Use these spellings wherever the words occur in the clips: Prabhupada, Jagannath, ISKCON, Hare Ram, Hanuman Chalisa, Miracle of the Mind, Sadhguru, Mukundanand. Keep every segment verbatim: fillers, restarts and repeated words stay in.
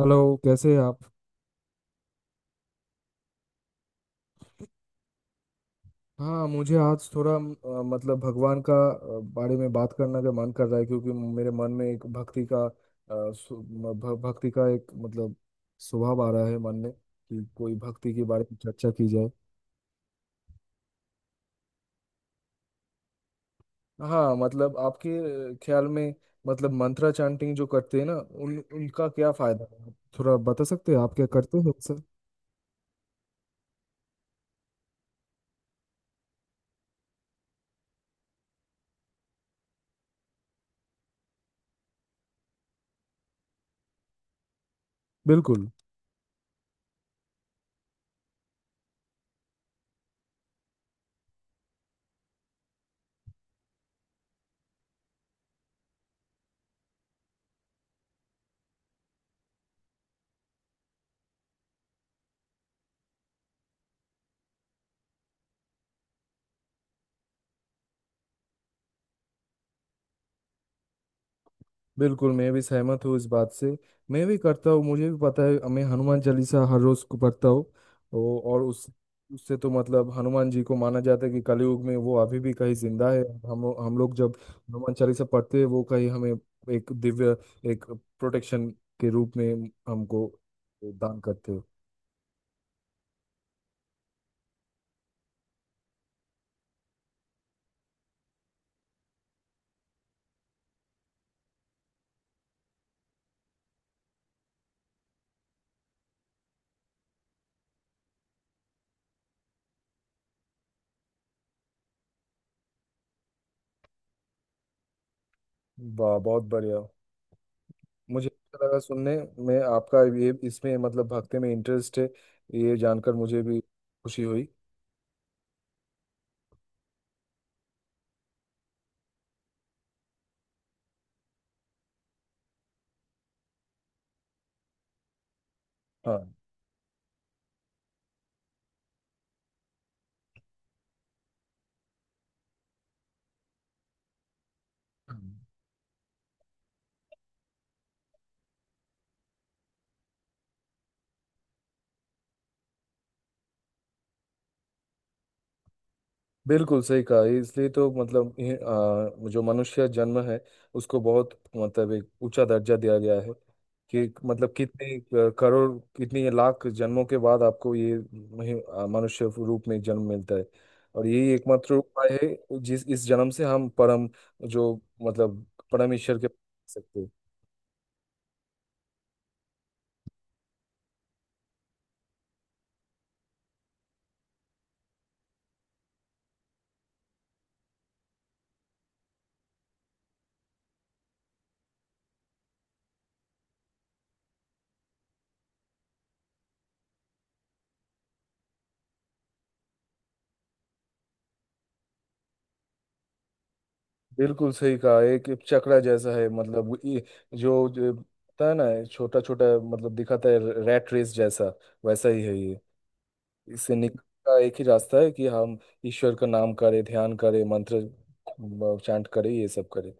Hello. कैसे हैं आप? हाँ, मुझे आज थोड़ा अ, मतलब भगवान का अ, बारे में बात करने का मन कर रहा है, क्योंकि मेरे मन में एक भक्ति का अ, सु- म- भ- भक्ति का एक मतलब स्वभाव आ रहा है मन में कि कोई भक्ति के बारे में चर्चा की जाए। हाँ, मतलब आपके ख्याल में मतलब मंत्रा चैंटिंग जो करते हैं ना, उन उनका क्या फायदा है? थोड़ा बता सकते हैं आप क्या करते हो सर? बिल्कुल। बिल्कुल, मैं भी सहमत हूँ इस बात से। मैं भी करता हूँ, मुझे भी पता है। मैं हनुमान चालीसा हर रोज को पढ़ता हूँ। ओ- और उस उससे तो मतलब हनुमान जी को माना जाता है कि कलयुग में वो अभी भी कहीं जिंदा है। हम हम लोग जब हनुमान चालीसा पढ़ते हैं वो कहीं हमें एक दिव्य, एक प्रोटेक्शन के रूप में हमको दान करते हैं। वाह, बहुत बढ़िया। मुझे अच्छा लगा सुनने में आपका ये, इसमें मतलब भक्ति में इंटरेस्ट है, ये जानकर मुझे भी खुशी हुई। हाँ, बिल्कुल सही कहा। ये इसलिए तो मतलब ये, आ, जो मनुष्य जन्म है, उसको बहुत मतलब एक ऊंचा दर्जा दिया गया है कि मतलब कितने अ, करोड़, कितने लाख जन्मों के बाद आपको ये महि- आ, मनुष्य रूप में जन्म मिलता है। और यही एकमात्र उपाय है जिस इस जन्म से हम परम, जो मतलब परम ईश्वर के पास जा सकते हैं। बिल्कुल सही कहा। एक एक चक्रा जैसा है, मतलब वो ये जो, जो होता है ना, छोटा छोटा, मतलब दिखाता है रैट रेस जैसा, वैसा ही है ये। इससे निकलने का एक ही रास्ता है कि हम ईश्वर का नाम करें, ध्यान करें, मंत्र चांट करें, ये सब करें।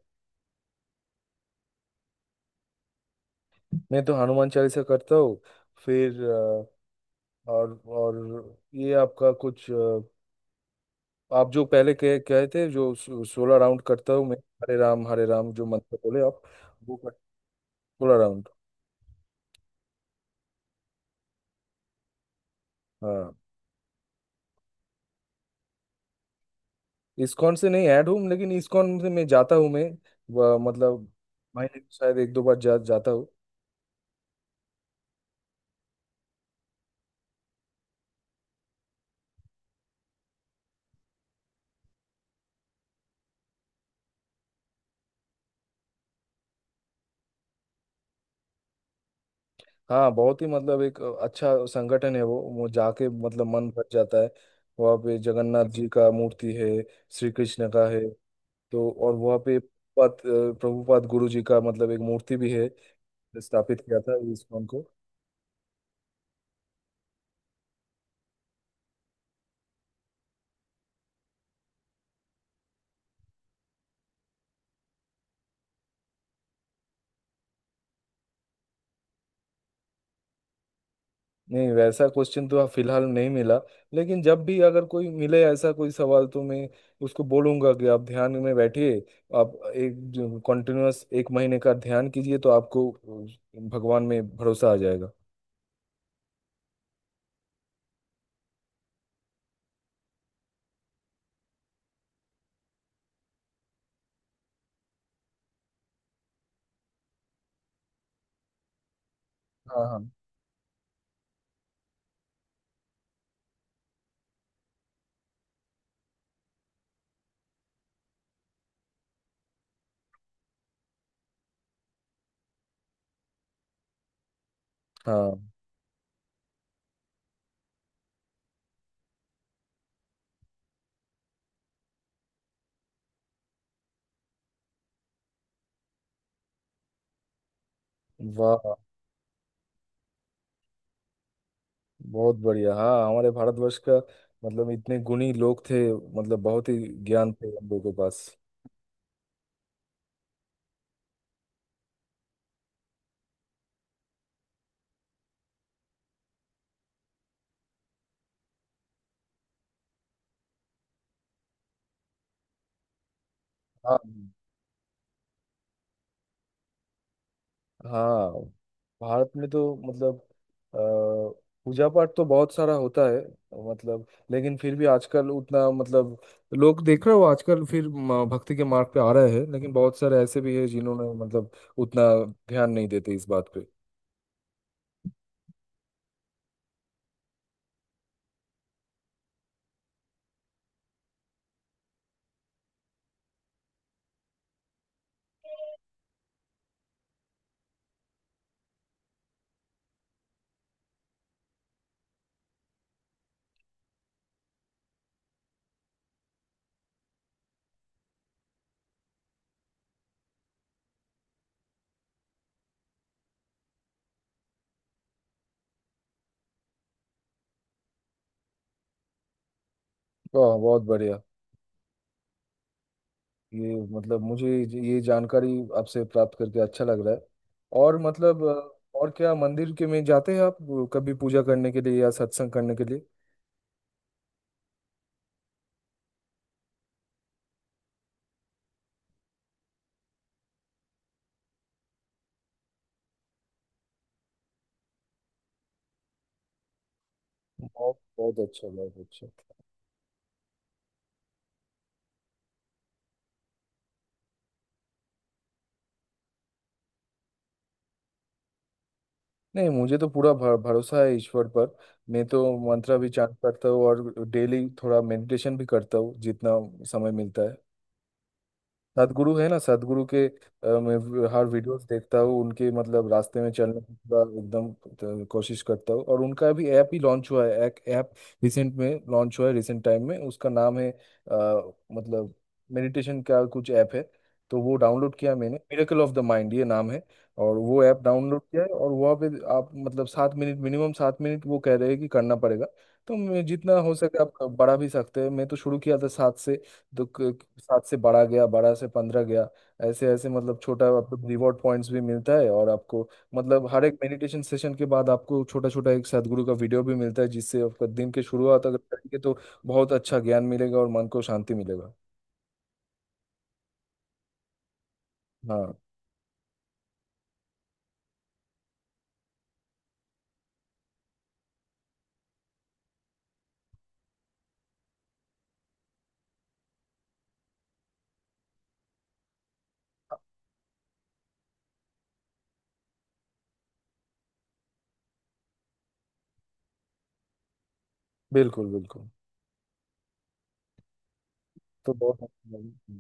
मैं तो हनुमान चालीसा करता हूँ। फिर अ, और और ये आपका कुछ अ, आप जो पहले कह कहे थे, जो सोलह राउंड करता हूँ मैं हरे राम हरे राम, जो मंत्र बोले आप। वो कर, सोलह राउंड। हाँ, इस्कॉन से नहीं ऐड हूँ, लेकिन इस्कॉन से मैं जाता हूँ। मैं वह मतलब महीने में शायद एक दो बार जा जाता हूँ। हाँ, बहुत ही मतलब एक अच्छा संगठन है वो। वो जाके मतलब मन भर जाता है। वहाँ पे जगन्नाथ जी का मूर्ति है, श्री कृष्ण का है। तो और वहाँ पे प्रभुपाद प्रभुपाद गुरु जी का मतलब एक मूर्ति भी है। स्थापित किया था इस्कॉन को। नहीं, वैसा क्वेश्चन तो फिलहाल नहीं मिला, लेकिन जब भी अगर कोई मिले ऐसा कोई सवाल, तो मैं उसको बोलूंगा कि आप ध्यान में बैठिए, आप एक कंटिन्यूअस एक महीने का ध्यान कीजिए, तो आपको अ, भगवान में भरोसा आ जाएगा। हाँ। हाँ। हाँ, वाह, बहुत बढ़िया। हाँ, हमारे भारतवर्ष का मतलब इतने गुणी लोग थे, मतलब बहुत ही ज्ञान थे हम लोगों के पास। हाँ। हाँ, भारत में तो मतलब अ, पूजा पाठ तो बहुत सारा होता है, मतलब। लेकिन फिर भी आजकल उतना मतलब लोग देख रहे हो, आजकल फिर म- भक्ति के मार्ग पे आ रहे हैं, लेकिन बहुत सारे ऐसे भी है जिन्होंने मतलब उतना ध्यान नहीं देते इस बात पे। वाह, बहुत बढ़िया। ये मतलब मुझे ये जानकारी आपसे प्राप्त करके अच्छा लग रहा है। और मतलब अ, और क्या मंदिर के में जाते हैं आप कभी पूजा करने के लिए या सत्संग करने के लिए? बहुत बहुत अच्छा, बहुत अच्छा। नहीं, मुझे तो पूरा भर, भरोसा है ईश्वर पर। मैं तो मंत्र भी चांट करता हूँ और डेली थोड़ा मेडिटेशन भी करता हूँ, जितना समय मिलता है। सदगुरु है ना, सदगुरु के अ, मैं वी- हर वीडियोस देखता हूँ उनके, मतलब रास्ते में चलने की पूरा एकदम अ, कोशिश करता हूँ। और उनका भी ऐप ही लॉन्च हुआ है, एक ऐप रिसेंट में लॉन्च हुआ है, रिसेंट टाइम में। उसका नाम है अ, मतलब मेडिटेशन का कुछ ऐप है, तो वो डाउनलोड किया मैंने। मिरेकल ऑफ द माइंड, ये नाम है। और वो ऐप डाउनलोड किया है, और वहाँ पे आप मतलब सात मिनट, मिनिमम सात मिनट वो कह रहे हैं कि करना पड़ेगा। तो मैं जितना हो सके, आप बड़ा भी सकते हैं, मैं तो शुरू किया था सात से। तो क- क- सात से बारह गया, बारह से पंद्रह गया। ऐसे ऐसे मतलब छोटा आपको रिवॉर्ड पॉइंट्स भी मिलता है, और आपको मतलब हर एक मेडिटेशन सेशन के बाद आपको छोटा छोटा एक सदगुरु का वीडियो भी मिलता है, जिससे आपका दिन की शुरुआत अगर करेंगे, तो बहुत अच्छा ज्ञान मिलेगा और मन को शांति मिलेगा। हाँ। बिल्कुल बिल्कुल, तो बहुत अच्छा लगा।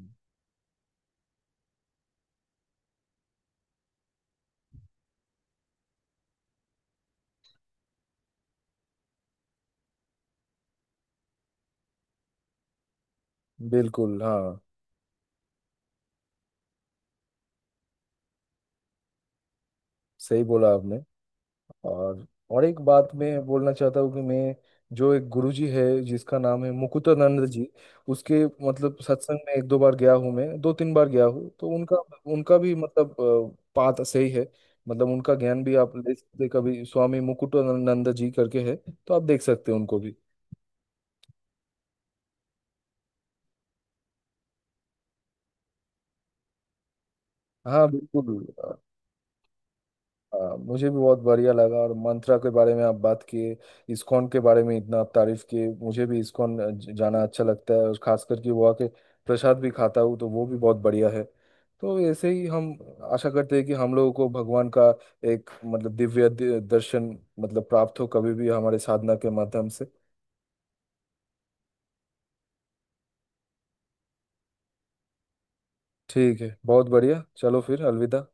बिल्कुल हाँ, सही बोला आपने। और और एक बात मैं बोलना चाहता हूँ कि मैं जो एक गुरुजी है जिसका नाम है मुकुटानंद जी, उसके मतलब सत्संग में एक दो बार गया हूँ, मैं दो तीन बार गया हूँ। तो उनका, उनका भी मतलब बात सही है, मतलब उनका ज्ञान भी आप ले सकते हैं। कभी स्वामी मुकुटानंद जी करके है, तो आप देख सकते हैं उनको भी। हाँ, बिल्कुल। हाँ, मुझे भी बहुत बढ़िया लगा, और मंत्रा के बारे में आप बात किए, इस्कॉन के बारे में इतना आप तारीफ किए। मुझे भी इस्कॉन ज- जाना अच्छा लगता है, और खास करके वहाँ के प्रसाद भी खाता हूँ, तो वो भी बहुत बढ़िया है। तो ऐसे ही हम आशा करते हैं कि हम लोगों को भगवान का एक मतलब दिव्य दि- दर्शन मतलब प्राप्त हो, कभी भी हमारे साधना के माध्यम से। ठीक है, बहुत बढ़िया। चलो फिर, अलविदा।